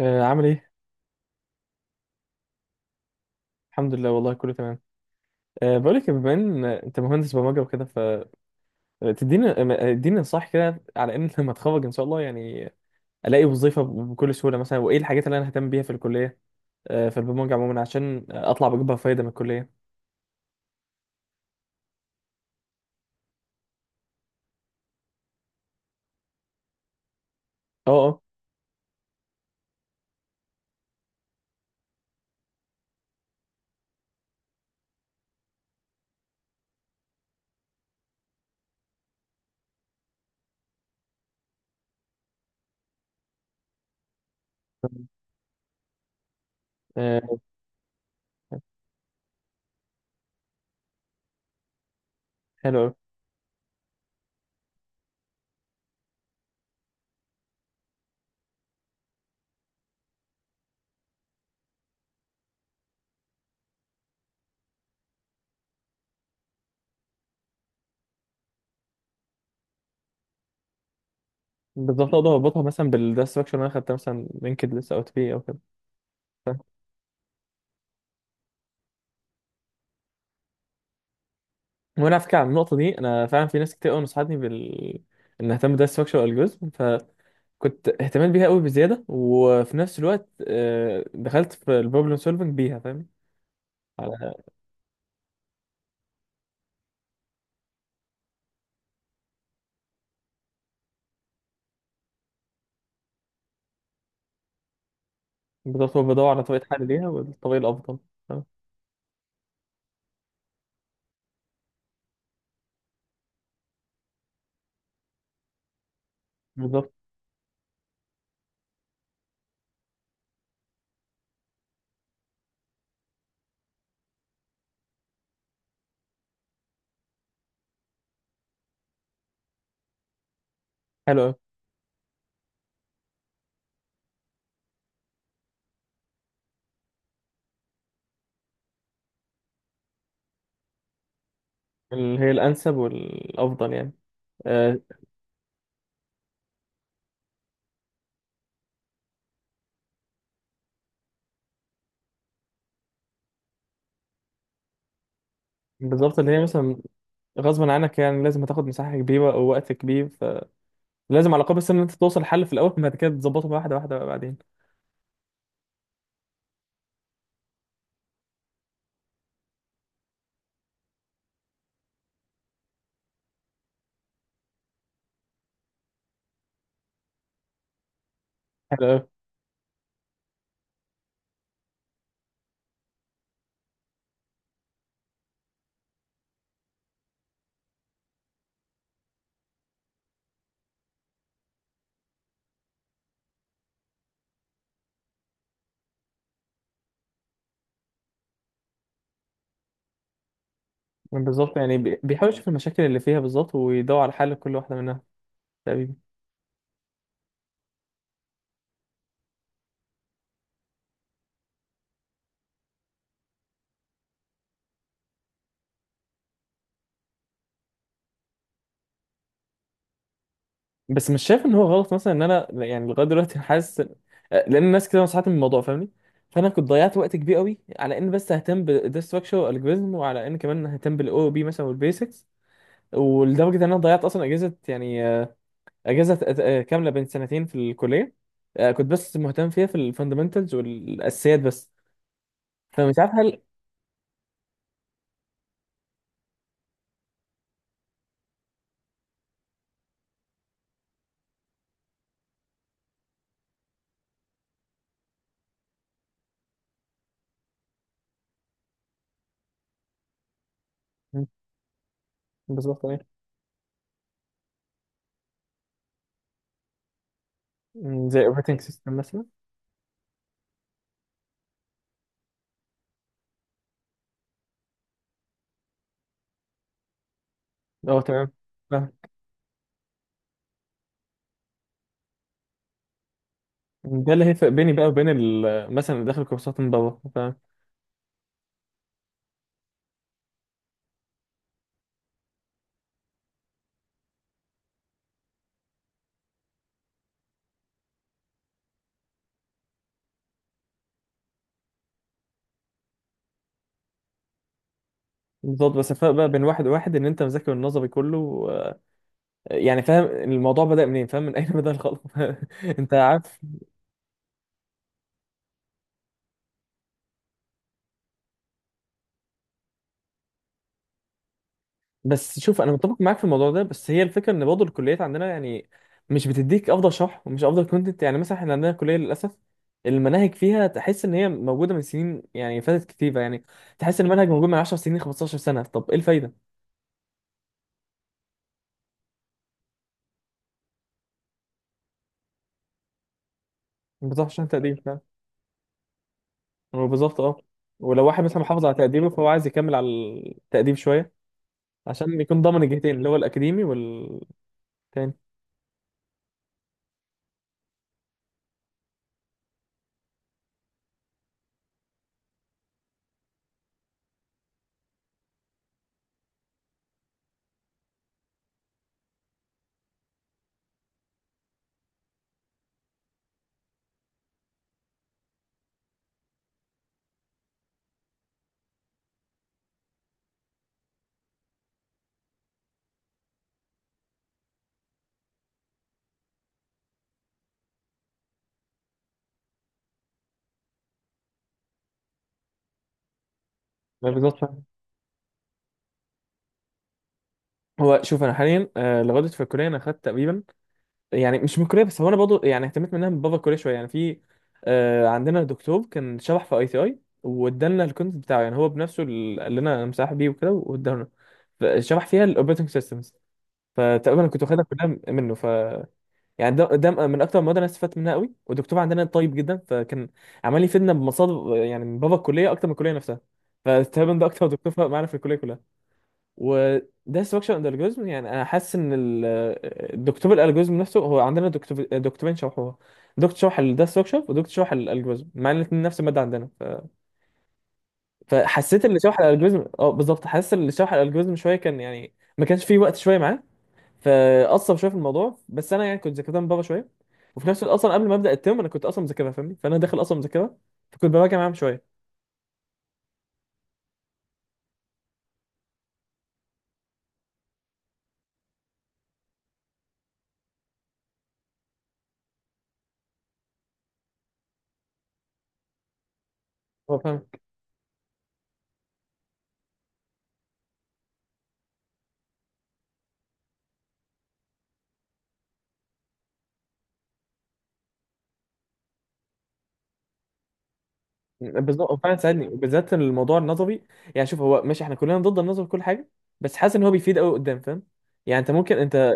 عامل ايه؟ الحمد لله والله كله تمام. بقولك بما ان انت مهندس برمجه وكده. فتديني اديني نصايح كده على ان لما اتخرج ان شاء الله يعني الاقي وظيفه بكل سهوله مثلا، وايه الحاجات اللي انا ههتم بيها في الكليه في البرمجه عموما عشان اطلع بجيبها فايده من الكليه. اه. آه، حلو قوي. بالظبط، اقدر اربطها مثلا بالستراكشر اللي انا خدتها مثلا لينكد لسه او تبي او كده. ف- وانا على فكره، على النقطه دي انا فعلا في ناس كتير قوي نصحتني ان اهتم بالداتا ستراكشر الجوريزم، كنت اهتمام بيها قوي بزياده، وفي نفس الوقت دخلت في البروبلم سولفنج بيها، فاهم على. بالظبط، هو بدور على طريقه حل ليها والطريقه الافضل، فاهم؟ بالظبط. حلو قوي. اللي هي الانسب والافضل يعني. آه، بالظبط. اللي هي مثلا غصبا عنك يعني لازم هتاخد مساحه كبيره او وقت كبير، فلازم على الاقل بس ان انت توصل لحل في الاول، بعد كده تظبطه بقى واحده واحده بقى بعدين. حلو قوي. بالظبط، يعني بيحاول يشوف المشاكل اللي فيها بالظبط ويدور على حل كل واحده منها تقريبا. بس مش شايف ان هو غلط مثلا ان انا، يعني لغايه دلوقتي حاسس لان الناس كده نصحتني من الموضوع، فاهمني؟ فانا كنت ضيعت وقت كبير قوي على ان بس اهتم بالديستراكشر والالجوريزم، وعلى ان كمان اهتم بالاو بي مثلا والبيسكس، ولدرجه ان انا ضيعت اصلا اجازه، يعني اجازه كامله بين سنتين في الكليه. آه، كنت بس مهتم فيها في الفاندمنتالز والاساسيات بس، فمش عارف هل. مم، بالظبط ايه. مم، زي اوبريتنج سيستم مثلا. اه تمام. فاهم. ده اللي هيفرق بيني بقى وبين مثلا اللي داخل كورسات من بابا. بالظبط، بس الفرق بقى بين واحد وواحد ان انت مذاكر النظري كله، يعني فاهم الموضوع بدأ منين، فاهم من اين بدأ الخلق انت عارف، بس شوف انا متفق معاك في الموضوع ده، بس هي الفكره ان برضه الكليات عندنا يعني مش بتديك افضل شرح ومش افضل كونتنت، يعني مثلا احنا عندنا كليه للاسف المناهج فيها تحس ان هي موجوده من سنين، يعني فاتت كتيره، يعني تحس ان المنهج موجود من 10 سنين 15 سنه، طب ايه الفايده؟ بالظبط عشان تقدير، فاهم. بالظبط اه. ولو واحد مثلا محافظ على تقديره فهو عايز يكمل على التقدير شويه عشان يكون ضامن الجهتين اللي هو الاكاديمي والتاني. ما بالظبط فاهم. هو شوف انا حاليا، آه، لغايه في الكليه انا خدت تقريبا يعني، مش من الكليه بس، هو انا برضه يعني اهتميت منها من بابا الكليه شويه، يعني في آه، عندنا دكتور كان شرح في اي تي اي وادالنا الكونت بتاعه، يعني هو بنفسه اللي قال لنا أنا مساح بيه وكده، وادالنا شرح فيها الاوبريتنج سيستمز، فتقريبا كنت واخدها كلها منه. يعني ده من اكتر المواد اللي انا استفدت منها قوي، والدكتور عندنا طيب جدا، فكان عمال يفيدنا بمصادر يعني من بابا الكليه اكتر من الكليه نفسها، فتقريبا ده اكتر دكتور فرق معانا في الكليه كلها. وده ستراكشر اند الجوريزم، يعني انا حاسس ان الدكتور الالجوريزم نفسه، هو عندنا دكتور دكتورين شرحوها، دكتور شرح ده ستراكشر ودكتور شرح الالجوريزم، مع ان الاثنين نفس الماده عندنا فحسيت ان شرح الالجوريزم اه بالظبط، حاسس ان شرح الالجوريزم شويه كان يعني ما كانش فيه وقت شويه معاه، فاثر شويه في الموضوع. بس انا يعني كنت ذاكرتها من بره شويه، وفي نفس الوقت اصلا قبل ما ابدا الترم انا كنت اصلا مذاكرها، فاهمني، فانا داخل اصلا مذاكرها، فكنت براجع معاهم شويه. هو فاهم. بالظبط، هو فعلا ساعدني، وبالذات الموضوع النظري. يعني شوف، هو ماشي احنا كلنا ضد النظر في كل حاجه، بس حاسس ان هو بيفيد قوي قدام، فاهم. يعني انت ممكن انت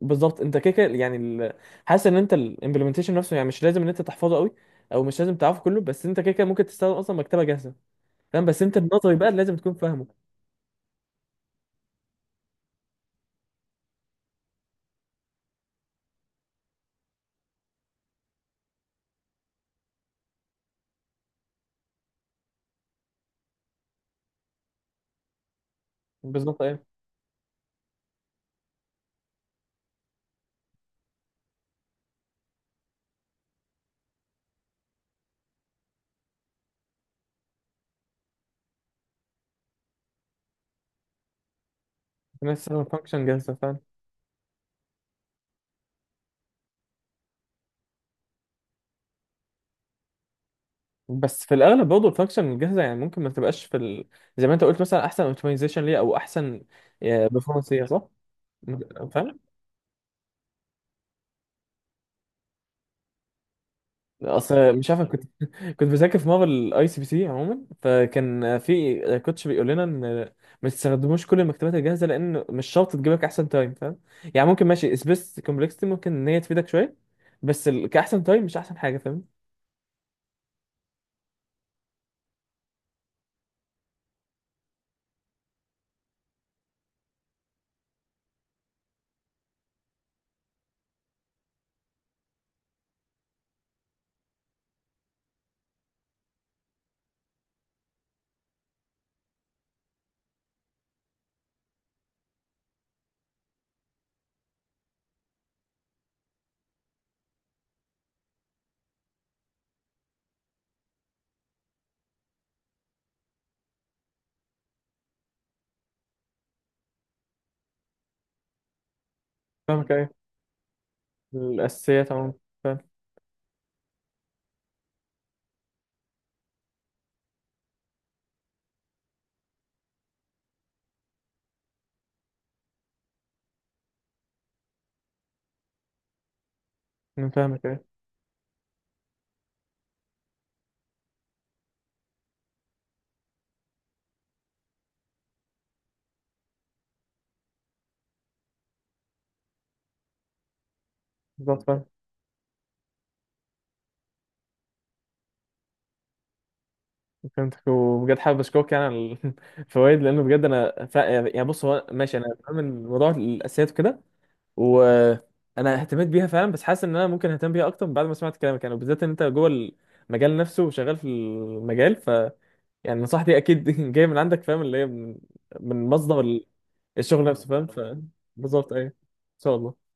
بالظبط انت كده كده يعني حاسس ان انت الامبلمنتيشن نفسه، يعني مش لازم ان انت تحفظه قوي، او مش لازم تعرفه كله، بس انت كده كده ممكن تستخدم اصلا مكتبه جاهزه، فاهم، بس انت النظري بقى لازم تكون فاهمه. بالظبط ايه. الناس تستخدم فانكشن جاهزه، فاهم. بس في الاغلب برضه الفانكشن الجاهزه يعني ممكن ما تبقاش في زي ما انت قلت مثلا، احسن اوبتمايزيشن ليها او احسن بيرفورمانس ليها، صح؟ فاهم؟ اصل مش عارف، أنا كنت كنت بذاكر في مره الاي سي بي سي عموما، فكان في كوتش بيقول لنا ان ما تستخدموش كل المكتبات الجاهزه لان مش شرط تجيب لك احسن تايم، فاهم؟ يعني ممكن ماشي سبيس كومبلكسيتي ممكن ان هي تفيدك شويه، بس كاحسن تايم مش احسن حاجه، فاهم؟ فاهمك ايه. الاساسيات عموما، فاهم؟ أنا فاهمك ايه. بالظبط. فهمتك، وبجد حابب اشكرك يعني على الفوائد، لانه بجد انا يعني بص هو ماشي، انا فاهم الموضوع الاساسيات وكده، وانا اهتميت بيها فعلا، بس حاسس ان انا ممكن اهتم بيها اكتر بعد ما سمعت كلامك، يعني وبالذات ان انت جوه المجال نفسه وشغال في المجال، ف يعني نصيحتي اكيد جايه من عندك، فاهم، اللي هي من، من مصدر الشغل نفسه، فاهم ف. بالظبط ايوه ان شاء الله.